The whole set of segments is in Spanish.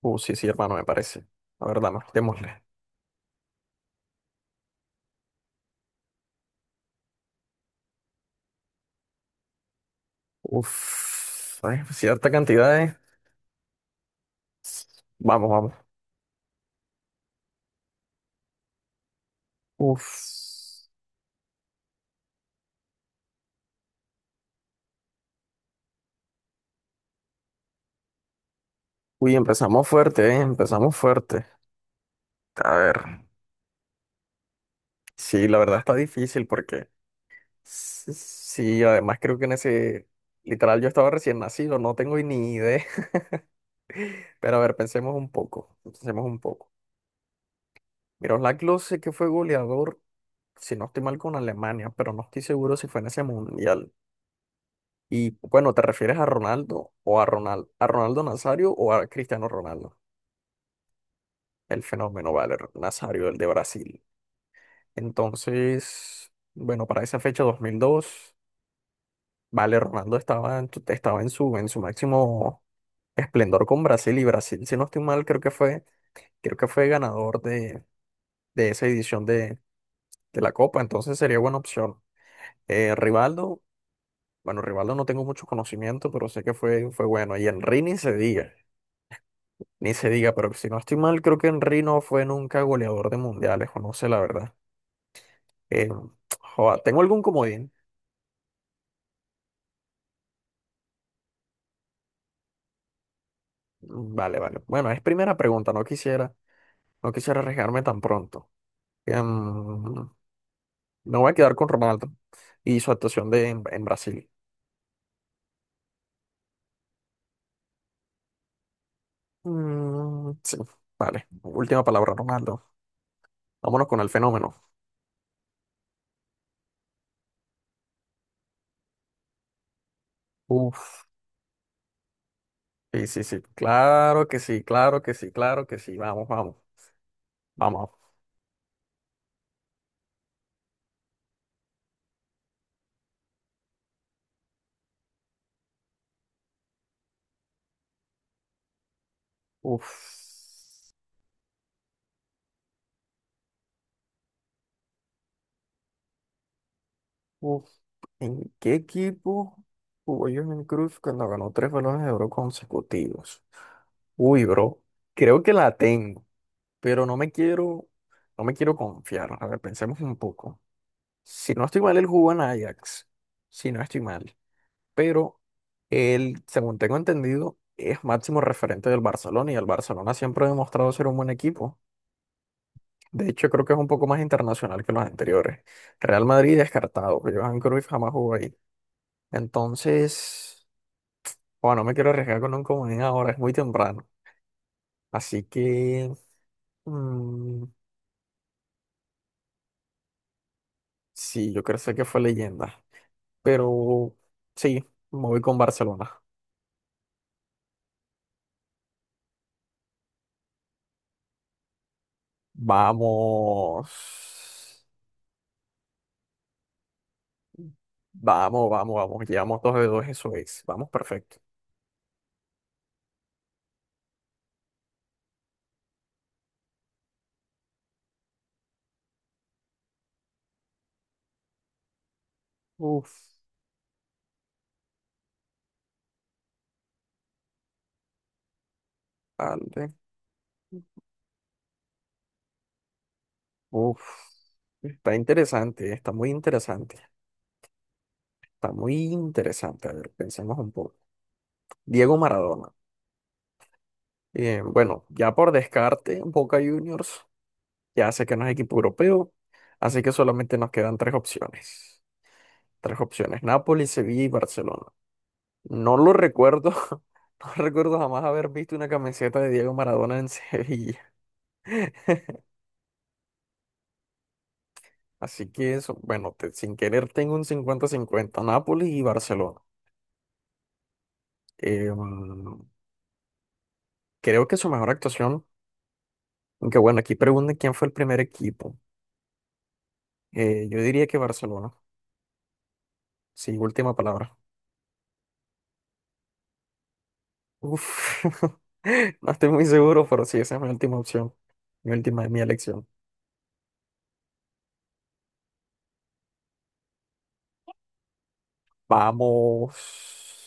Sí, sí, hermano, me parece. La verdad, más, démosle. Uf, ¿sabes? Cierta cantidad Vamos, vamos. Uf. Uy, empezamos fuerte, ¿eh? Empezamos fuerte. A ver. Sí, la verdad está difícil porque... Sí, sí, además creo que en ese... Literal, yo estaba recién nacido, no tengo ni idea. Pero a ver, pensemos un poco. Pensemos un poco. Miroslav Klose, que fue goleador, si no estoy mal, con Alemania, pero no estoy seguro si fue en ese mundial. Y bueno, ¿te refieres a Ronaldo o a Ronaldo Nazario o a Cristiano Ronaldo? El fenómeno, vale, Nazario, el de Brasil. Entonces, bueno, para esa fecha 2002 vale, Ronaldo estaba en su máximo esplendor con Brasil y Brasil, si no estoy mal, creo que fue ganador de esa edición de la Copa, entonces sería buena opción. Rivaldo, bueno, Rivaldo no tengo mucho conocimiento, pero sé que fue bueno. Y Enrini Sevilla. Ni se diga, pero si no estoy mal, creo que Henry no fue nunca goleador de mundiales, o no sé la verdad. Eh, joda, ¿tengo algún comodín? Mm, vale, vale. Bueno, es primera pregunta, no quisiera arriesgarme tan pronto. Em, me voy a quedar con Ronaldo y su actuación en Brasil. Mm, sí, vale. Última palabra, Ronaldo. Vámonos con el fenómeno. Uf, sí, sí, sí. Claro que sí, claro que sí, claro que sí. Vamos, vamos, vamos. Uf. Uf, ¿en qué equipo jugó Jordan Cruz cuando ganó tres balones de oro consecutivos? Uy, bro, creo que la tengo, pero no me quiero confiar. A ver, pensemos un poco. Si no estoy mal, él jugó en Ajax. Si no estoy mal. Pero él, según tengo entendido, es máximo referente del Barcelona y el Barcelona siempre ha demostrado ser un buen equipo. De hecho, creo que es un poco más internacional que los anteriores. Real Madrid descartado, Jordan Cruz jamás jugó ahí. Entonces, bueno, no me quiero arriesgar con un comodín ahora, es muy temprano. Así que, mm, sí, yo creo sé que fue leyenda. Pero sí, me voy con Barcelona. Vamos. Vamos, vamos, vamos. Llevamos dos de dos, eso es. Vamos, perfecto. Uf, vale. Uf. Está interesante, está muy interesante. Está muy interesante. A ver, pensemos un poco. Diego Maradona. Bueno, ya por descarte, Boca Juniors ya sé que no es equipo europeo, así que solamente nos quedan tres opciones. Tres opciones, Nápoles, Sevilla y Barcelona. No lo recuerdo, no recuerdo jamás haber visto una camiseta de Diego Maradona en Sevilla. Así que eso, bueno, sin querer tengo un cincuenta-cincuenta. Nápoles y Barcelona. Eh, mm, creo que su mejor actuación, aunque bueno, aquí preguntan quién fue el primer equipo. Yo diría que Barcelona. Sí, última palabra. Uf, no estoy muy seguro, pero sí, esa es mi última opción. Mi última, es mi elección. Vamos.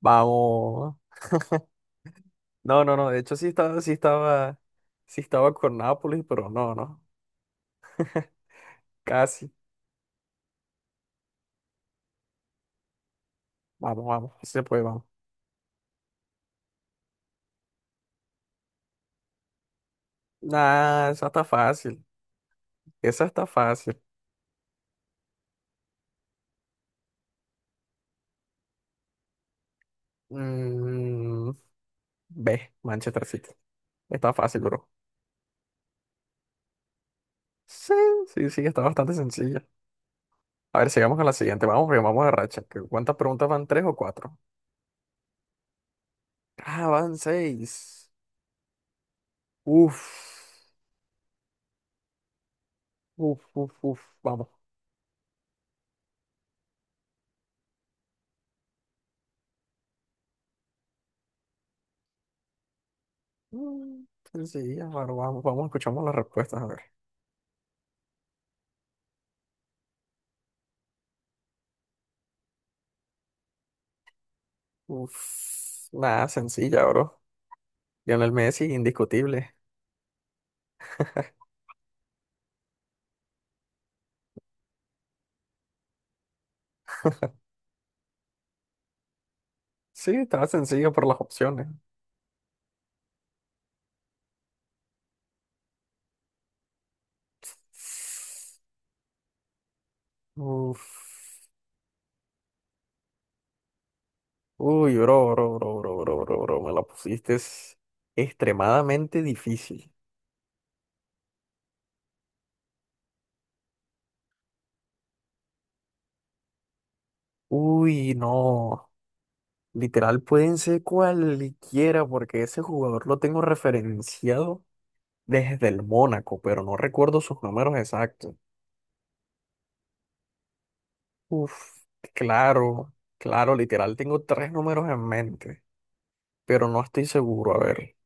Vamos. No, no, no. De hecho, sí estaba con Nápoles, pero no, no. Casi. Vamos, vamos. Sí se puede, vamos. Nah, esa está fácil. Esa está fácil. Mm, ve, Manchester City. Está fácil, bro. Sí, sí, sí, está bastante sencilla. A ver, sigamos con la siguiente. Vamos, porque vamos a racha. ¿Cuántas preguntas van? ¿Tres o cuatro? Ah, van seis. Uf, uf, uf, uf. Vamos. Mm, sencilla, bro. Vamos, vamos, escuchamos las respuestas, a ver. Uf, nada, sencilla, bro. Lionel Messi, indiscutible. Sí, estaba sencillo por las opciones. Uf. Uy, bro, bro, bro, bro, bro, bro, bro. Me la pusiste es extremadamente difícil. Uy, no. Literal, pueden ser cualquiera porque ese jugador lo tengo referenciado desde el Mónaco, pero no recuerdo sus números exactos. Uf, claro, claro, literal, tengo tres números en mente, pero no estoy seguro. A ver,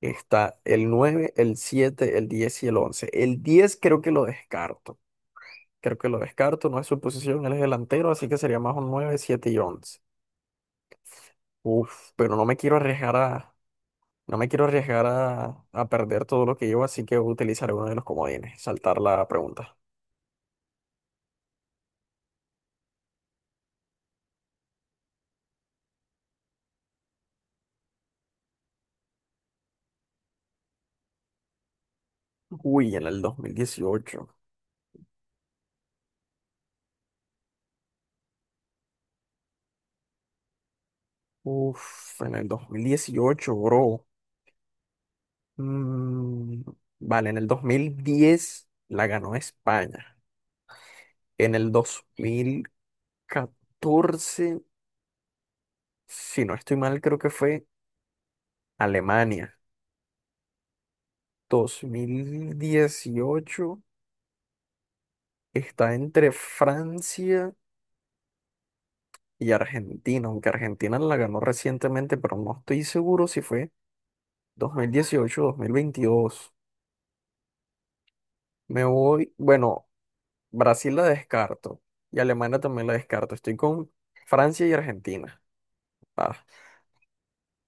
está el 9, el 7, el 10 y el 11. El 10 creo que lo descarto. Creo que lo descarto, no es su posición, él es delantero, así que sería más un 9, 7 y 11. Uf, pero no me quiero arriesgar a, no me quiero arriesgar a perder todo lo que llevo, así que utilizaré uno de los comodines, saltar la pregunta. Uy, en el 2018. Uf, en el dos mil dieciocho, bro. Mm, vale, en el 2010 la ganó España. En el dos mil catorce, si no estoy mal, creo que fue Alemania. Dos mil dieciocho está entre Francia y Argentina, aunque Argentina la ganó recientemente, pero no estoy seguro si fue 2018 o dos mil veintidós. Me voy, bueno. Brasil la descarto y Alemania también la descarto. Estoy con Francia y Argentina. Ah,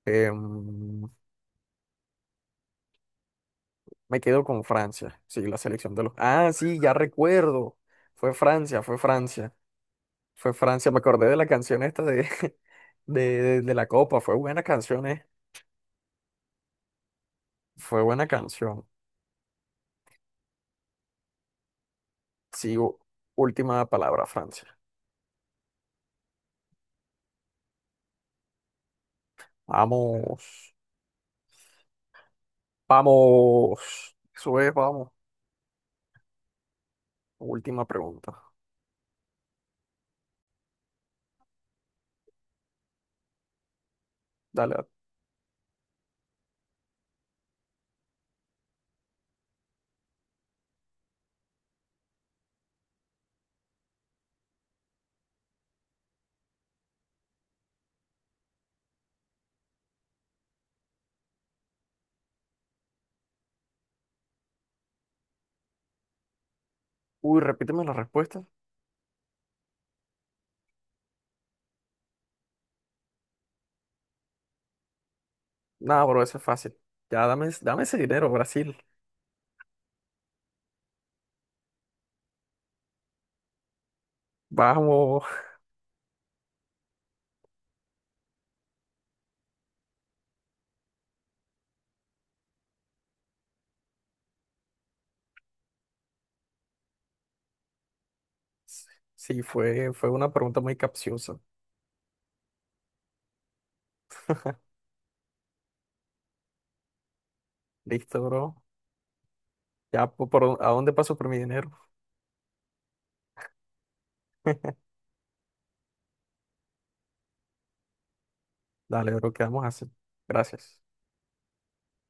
em, me quedo con Francia. Sí, la selección de los... Ah, sí, ya recuerdo. Fue Francia, fue Francia. Fue Francia. Me acordé de la canción esta de la Copa. Fue buena canción, eh. Fue buena canción. Sí, última palabra, Francia. Vamos. Vamos. Eso es, vamos. Última pregunta. Dale. Uy, repíteme la respuesta. No, bro, eso es fácil. Ya dame, dame ese dinero, Brasil. Vamos. Sí, fue una pregunta muy capciosa. Listo, bro. Ya, por, ¿a dónde paso por mi dinero? Dale, bro, ¿qué vamos a hacer? Gracias.